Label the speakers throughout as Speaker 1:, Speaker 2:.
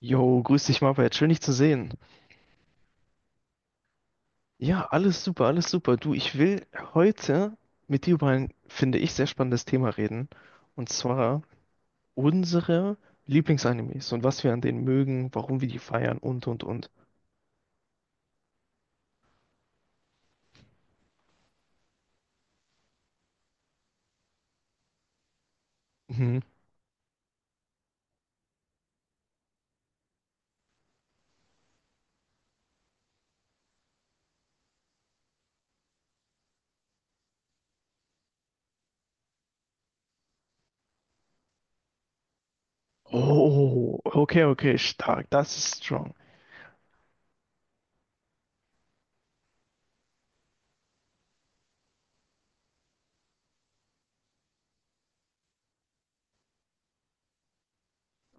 Speaker 1: Jo, grüß dich, Marbert. Schön, dich zu sehen. Ja, alles super, alles super. Du, ich will heute mit dir über ein, finde ich, sehr spannendes Thema reden. Und zwar unsere Lieblingsanimes und was wir an denen mögen, warum wir die feiern und, und. Mhm. Oh, okay, okay, stark. Das ist strong.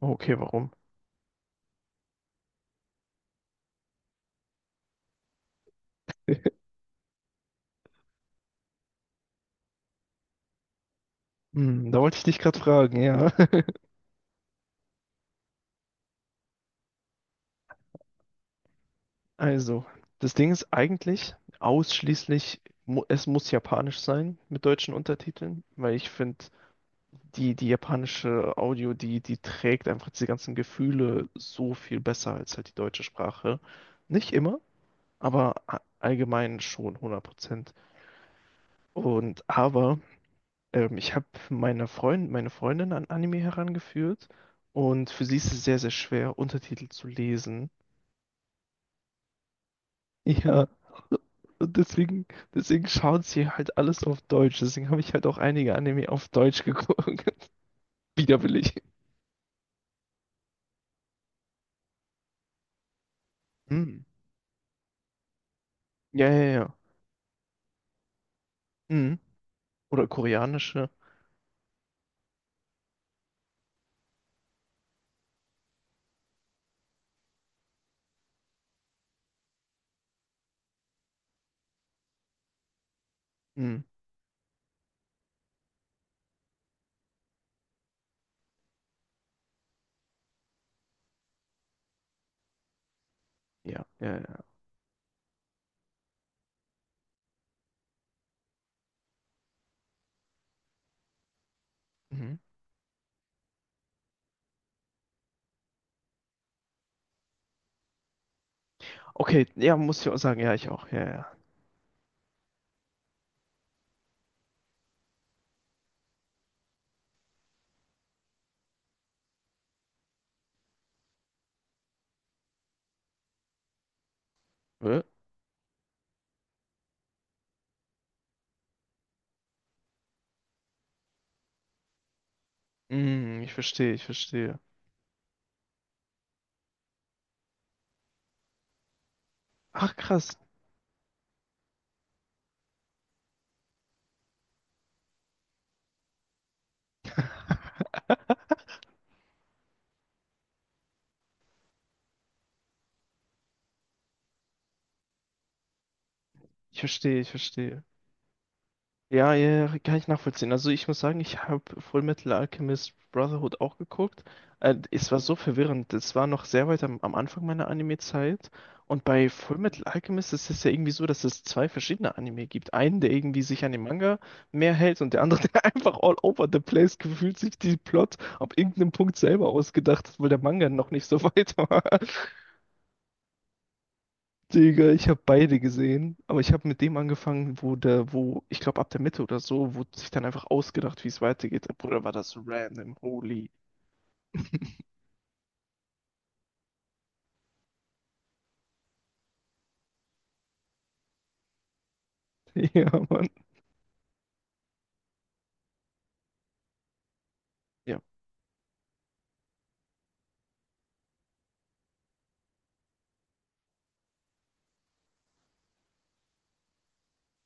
Speaker 1: Okay, warum? Hm, da wollte ich dich gerade fragen, ja. Also, das Ding ist eigentlich ausschließlich, es muss japanisch sein mit deutschen Untertiteln, weil ich finde, die japanische Audio, die trägt einfach diese ganzen Gefühle so viel besser als halt die deutsche Sprache. Nicht immer, aber allgemein schon 100%. Und aber ich habe meine Freundin an Anime herangeführt und für sie ist es sehr, sehr schwer, Untertitel zu lesen. Ja. Und deswegen schaut sie halt alles auf Deutsch. Deswegen habe ich halt auch einige Anime auf Deutsch geguckt. Widerwillig. Hm. Ja, ja, ja. Hm. Oder koreanische. Hm. Ja, ja, ja. Mhm. Okay, ja, muss ich auch sagen, ja, ich auch. Ja, ja. Äh? Hm, ich verstehe, ich verstehe. Ach, krass. Ich verstehe, ich verstehe. Ja, ja, ja, kann ich nachvollziehen. Also ich muss sagen, ich habe Fullmetal Alchemist Brotherhood auch geguckt. Es war so verwirrend. Es war noch sehr weit am Anfang meiner Anime-Zeit. Und bei Fullmetal Alchemist ist es ja irgendwie so, dass es zwei verschiedene Anime gibt. Einen, der irgendwie sich an den Manga mehr hält und der andere, der einfach all over the place gefühlt sich die Plot ab irgendeinem Punkt selber ausgedacht hat, weil der Manga noch nicht so weit war. Digga, ich habe beide gesehen, aber ich habe mit dem angefangen, wo, ich glaube ab der Mitte oder so, wurde sich dann einfach ausgedacht, wie es weitergeht. Bruder, war das random, holy. Ja, Mann. Ja.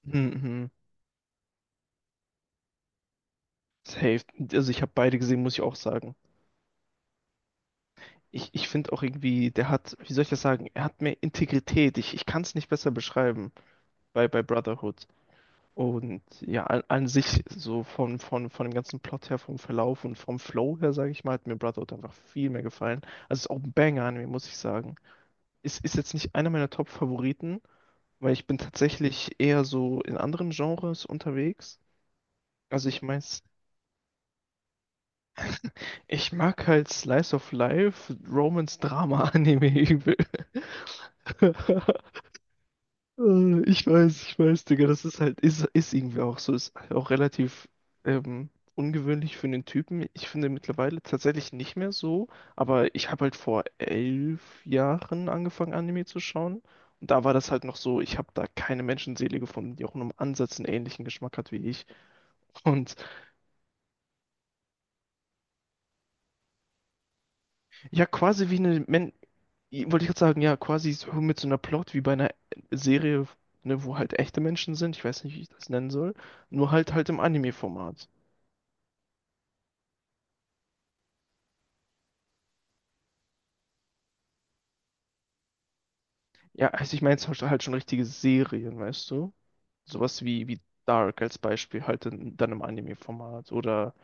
Speaker 1: Mhm. Safe. Also ich habe beide gesehen, muss ich auch sagen. Ich finde auch irgendwie, der hat, wie soll ich das sagen, er hat mehr Integrität. Ich kann es nicht besser beschreiben bei Brotherhood. Und ja, an sich so von dem ganzen Plot her, vom Verlauf und vom Flow her, sage ich mal, hat mir Brotherhood einfach viel mehr gefallen. Also es ist auch ein Banger-Anime, muss ich sagen. Ist jetzt nicht einer meiner Top-Favoriten, weil ich bin tatsächlich eher so in anderen Genres unterwegs. Also ich meine, ich mag halt Slice of Life, Romance-Drama-Anime übel. Ich weiß, Digga, das ist halt, ist irgendwie auch so, ist auch relativ ähm, ungewöhnlich für einen Typen. Ich finde mittlerweile tatsächlich nicht mehr so, aber ich habe halt vor 11 Jahren angefangen, Anime zu schauen. Und da war das halt noch so, ich habe da keine Menschenseele gefunden, die auch nur im Ansatz einen ähnlichen Geschmack hat wie ich. Und ja, quasi wie eine, Men wollte ich gerade sagen, ja, quasi so mit so einer Plot wie bei einer Serie, ne, wo halt echte Menschen sind, ich weiß nicht, wie ich das nennen soll, nur halt im Anime-Format. Ja, also ich meine jetzt halt schon richtige Serien, weißt du? Sowas wie Dark als Beispiel, halt dann im Anime-Format. Oder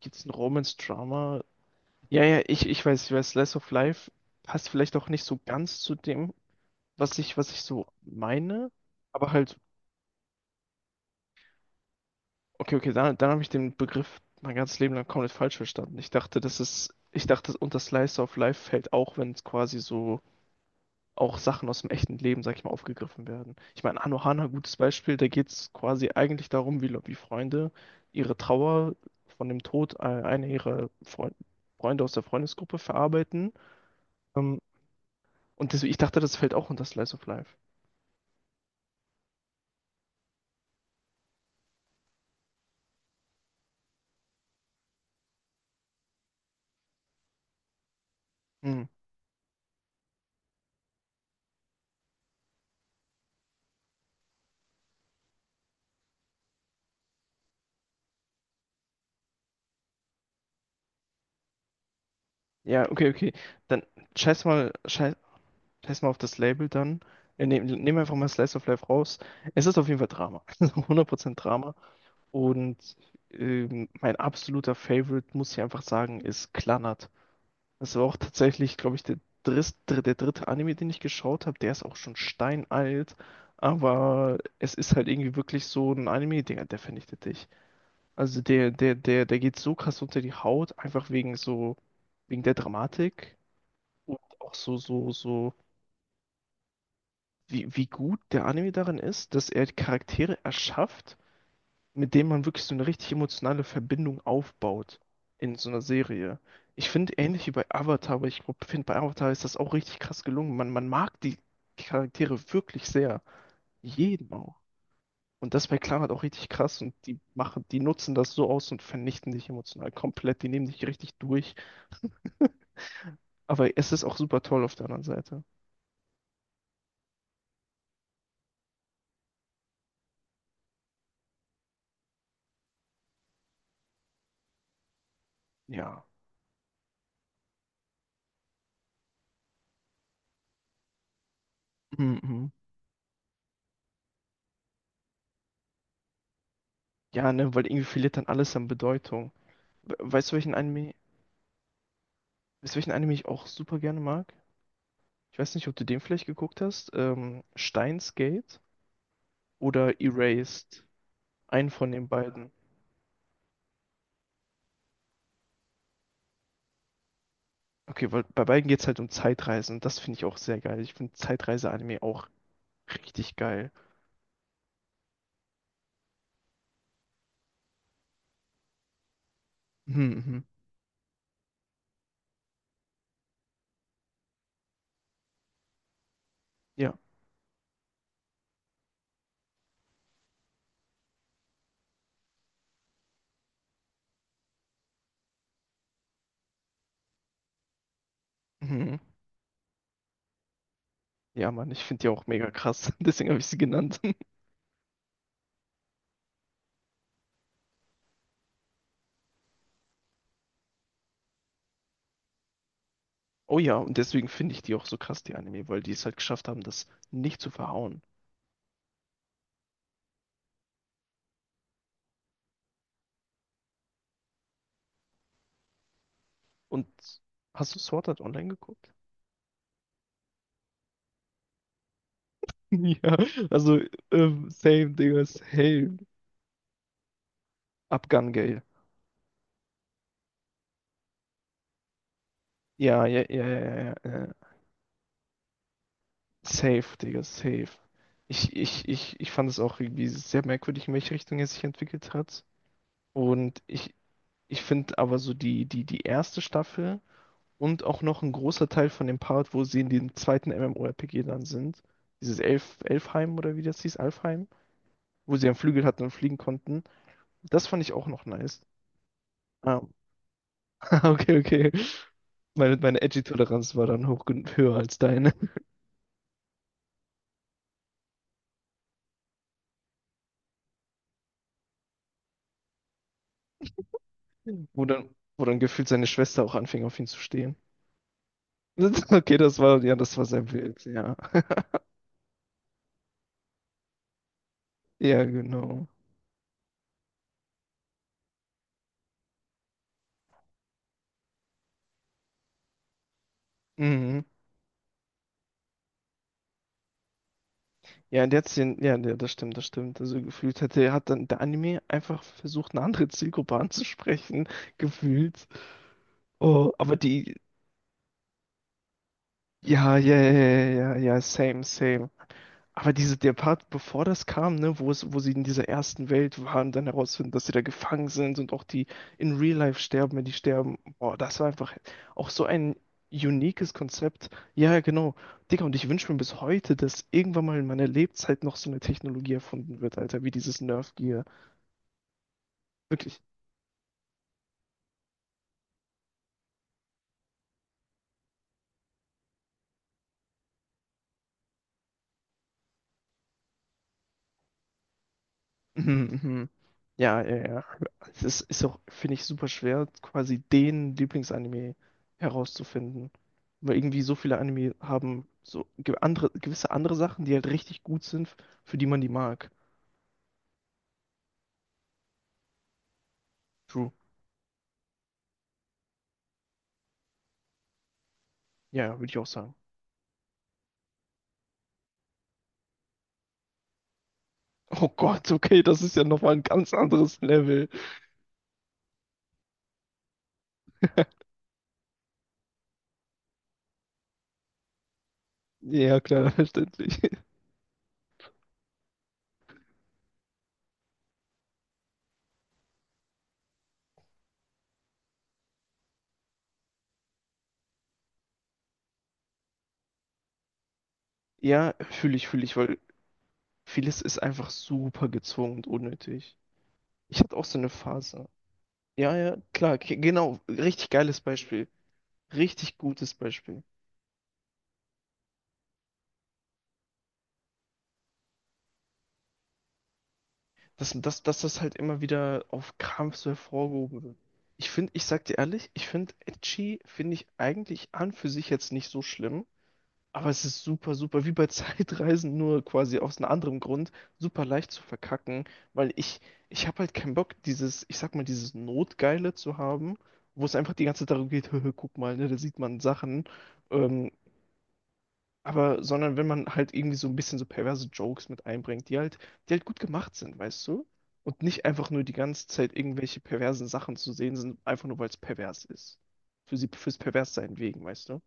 Speaker 1: gibt's ein Romance-Drama? Ja, ja, ich weiß, ich weiß, Slice of Life passt vielleicht auch nicht so ganz zu dem, was ich so meine. Aber halt, okay, okay, dann habe ich den Begriff mein ganzes Leben lang komplett falsch verstanden. Ich dachte, unter Slice of Life fällt auch, wenn es quasi so auch Sachen aus dem echten Leben, sag ich mal, aufgegriffen werden. Ich meine, Anohana, gutes Beispiel, da geht es quasi eigentlich darum, wie Freunde ihre Trauer von dem Tod einer ihrer Freunde aus der Freundesgruppe verarbeiten. Ähm, und deswegen, ich dachte, das fällt auch unter Slice of Life. Hm. Ja, okay, okay. Dann scheiß mal, scheiß, scheiß mal auf das Label dann. Nehm einfach mal Slice of Life raus. Es ist auf jeden Fall Drama. 100% Drama. Und mein absoluter Favorite, muss ich einfach sagen, ist Clannad. Das war auch tatsächlich, glaube ich, der dritte Anime, den ich geschaut habe. Der ist auch schon steinalt, aber es ist halt irgendwie wirklich so ein Anime, der vernichtet dich. Also der geht so krass unter die Haut, einfach wegen so, wegen der Dramatik und auch so, wie gut der Anime darin ist, dass er Charaktere erschafft, mit dem man wirklich so eine richtig emotionale Verbindung aufbaut in so einer Serie. Ich finde ähnlich wie bei Avatar, aber ich finde bei Avatar ist das auch richtig krass gelungen. Man mag die Charaktere wirklich sehr. Jeden auch. Und das bei Clan hat auch richtig krass und die nutzen das so aus und vernichten dich emotional komplett. Die nehmen dich richtig durch. Aber es ist auch super toll auf der anderen Seite. Ja. Mhm. Ja, ne, weil irgendwie verliert dann alles an Bedeutung. Weißt du, weißt du, welchen Anime ich auch super gerne mag? Ich weiß nicht, ob du den vielleicht geguckt hast. Steins Gate oder Erased. Einen von den beiden. Okay, weil bei beiden geht es halt um Zeitreisen. Das finde ich auch sehr geil. Ich finde Zeitreise-Anime auch richtig geil. Mhm, mhm. Ja. Mhm. Ja, Mann, ich finde die auch mega krass. Deswegen habe ich sie genannt. Oh ja, und deswegen finde ich die auch so krass, die Anime, weil die es halt geschafft haben, das nicht zu verhauen. Und hast du Sword Art Online geguckt? Ja, also same, Digga, same. Abgang Gale. Ja, ja, ja, ja, ja, ja, ja. Safe, Digga, safe. Ich fand es auch irgendwie sehr merkwürdig, in welche Richtung er sich entwickelt hat. Und ich finde aber so die erste Staffel und auch noch ein großer Teil von dem Part, wo sie in dem zweiten MMORPG dann sind, dieses Elfheim oder wie das hieß, Alfheim, wo sie einen Flügel hatten und fliegen konnten, das fand ich auch noch nice. Ah, okay, okay. Meine Edgy-Toleranz war dann hoch, höher als deine. Wo dann, wo dann gefühlt seine Schwester auch anfing, auf ihn zu stehen. Okay, ja, das war sehr wild, ja. Ja, genau. Mhm. Ja, und jetzt, ja, ja, das stimmt, das stimmt. Also gefühlt hat dann der Anime einfach versucht, eine andere Zielgruppe anzusprechen, gefühlt. Oh, ja, ja, ja, ja, ja, ja, same, same. Der Part, bevor das kam, ne, wo sie in dieser ersten Welt waren, dann herausfinden, dass sie da gefangen sind und auch die in Real Life sterben, wenn die sterben. Boah, das war einfach auch so ein uniques Konzept. Ja, ja, genau. Digga, und ich wünsche mir bis heute, dass irgendwann mal in meiner Lebenszeit noch so eine Technologie erfunden wird, Alter, wie dieses Nerf Gear. Wirklich. Mhm, mhm. Ja, ja, ja. Es ist, auch, finde ich, super schwer, quasi den Lieblingsanime herauszufinden. Weil irgendwie so viele Anime haben so ge gewisse andere Sachen, die halt richtig gut sind, für die man die mag. True. Ja, würde ich auch sagen. Oh Gott, okay, das ist ja nochmal ein ganz anderes Level. Ja, klar, verständlich. Ja, fühle ich, weil vieles ist einfach super gezwungen und unnötig. Ich hatte auch so eine Phase. Ja, ja, klar, genau, richtig geiles Beispiel. Richtig gutes Beispiel. Dass das halt immer wieder auf Krampf so hervorgehoben wird. Ich finde, ich sag dir ehrlich, ich finde Edgy, finde ich eigentlich an für sich jetzt nicht so schlimm, aber es ist super, super, wie bei Zeitreisen, nur quasi aus einem anderen Grund, super leicht zu verkacken, weil ich habe halt keinen Bock, dieses, ich sag mal, dieses Notgeile zu haben, wo es einfach die ganze Zeit darum geht, guck mal, ne, da sieht man Sachen, ähm, sondern wenn man halt irgendwie so ein bisschen so perverse Jokes mit einbringt, die halt gut gemacht sind, weißt du? Und nicht einfach nur die ganze Zeit irgendwelche perversen Sachen zu sehen sind, einfach nur weil es pervers ist. Fürs Perverssein wegen, weißt du?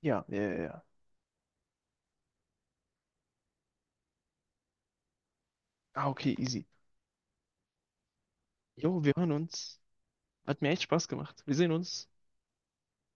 Speaker 1: Ja, ja, ja, ja. Ah, okay, easy. Jo, wir hören uns. Hat mir echt Spaß gemacht. Wir sehen uns.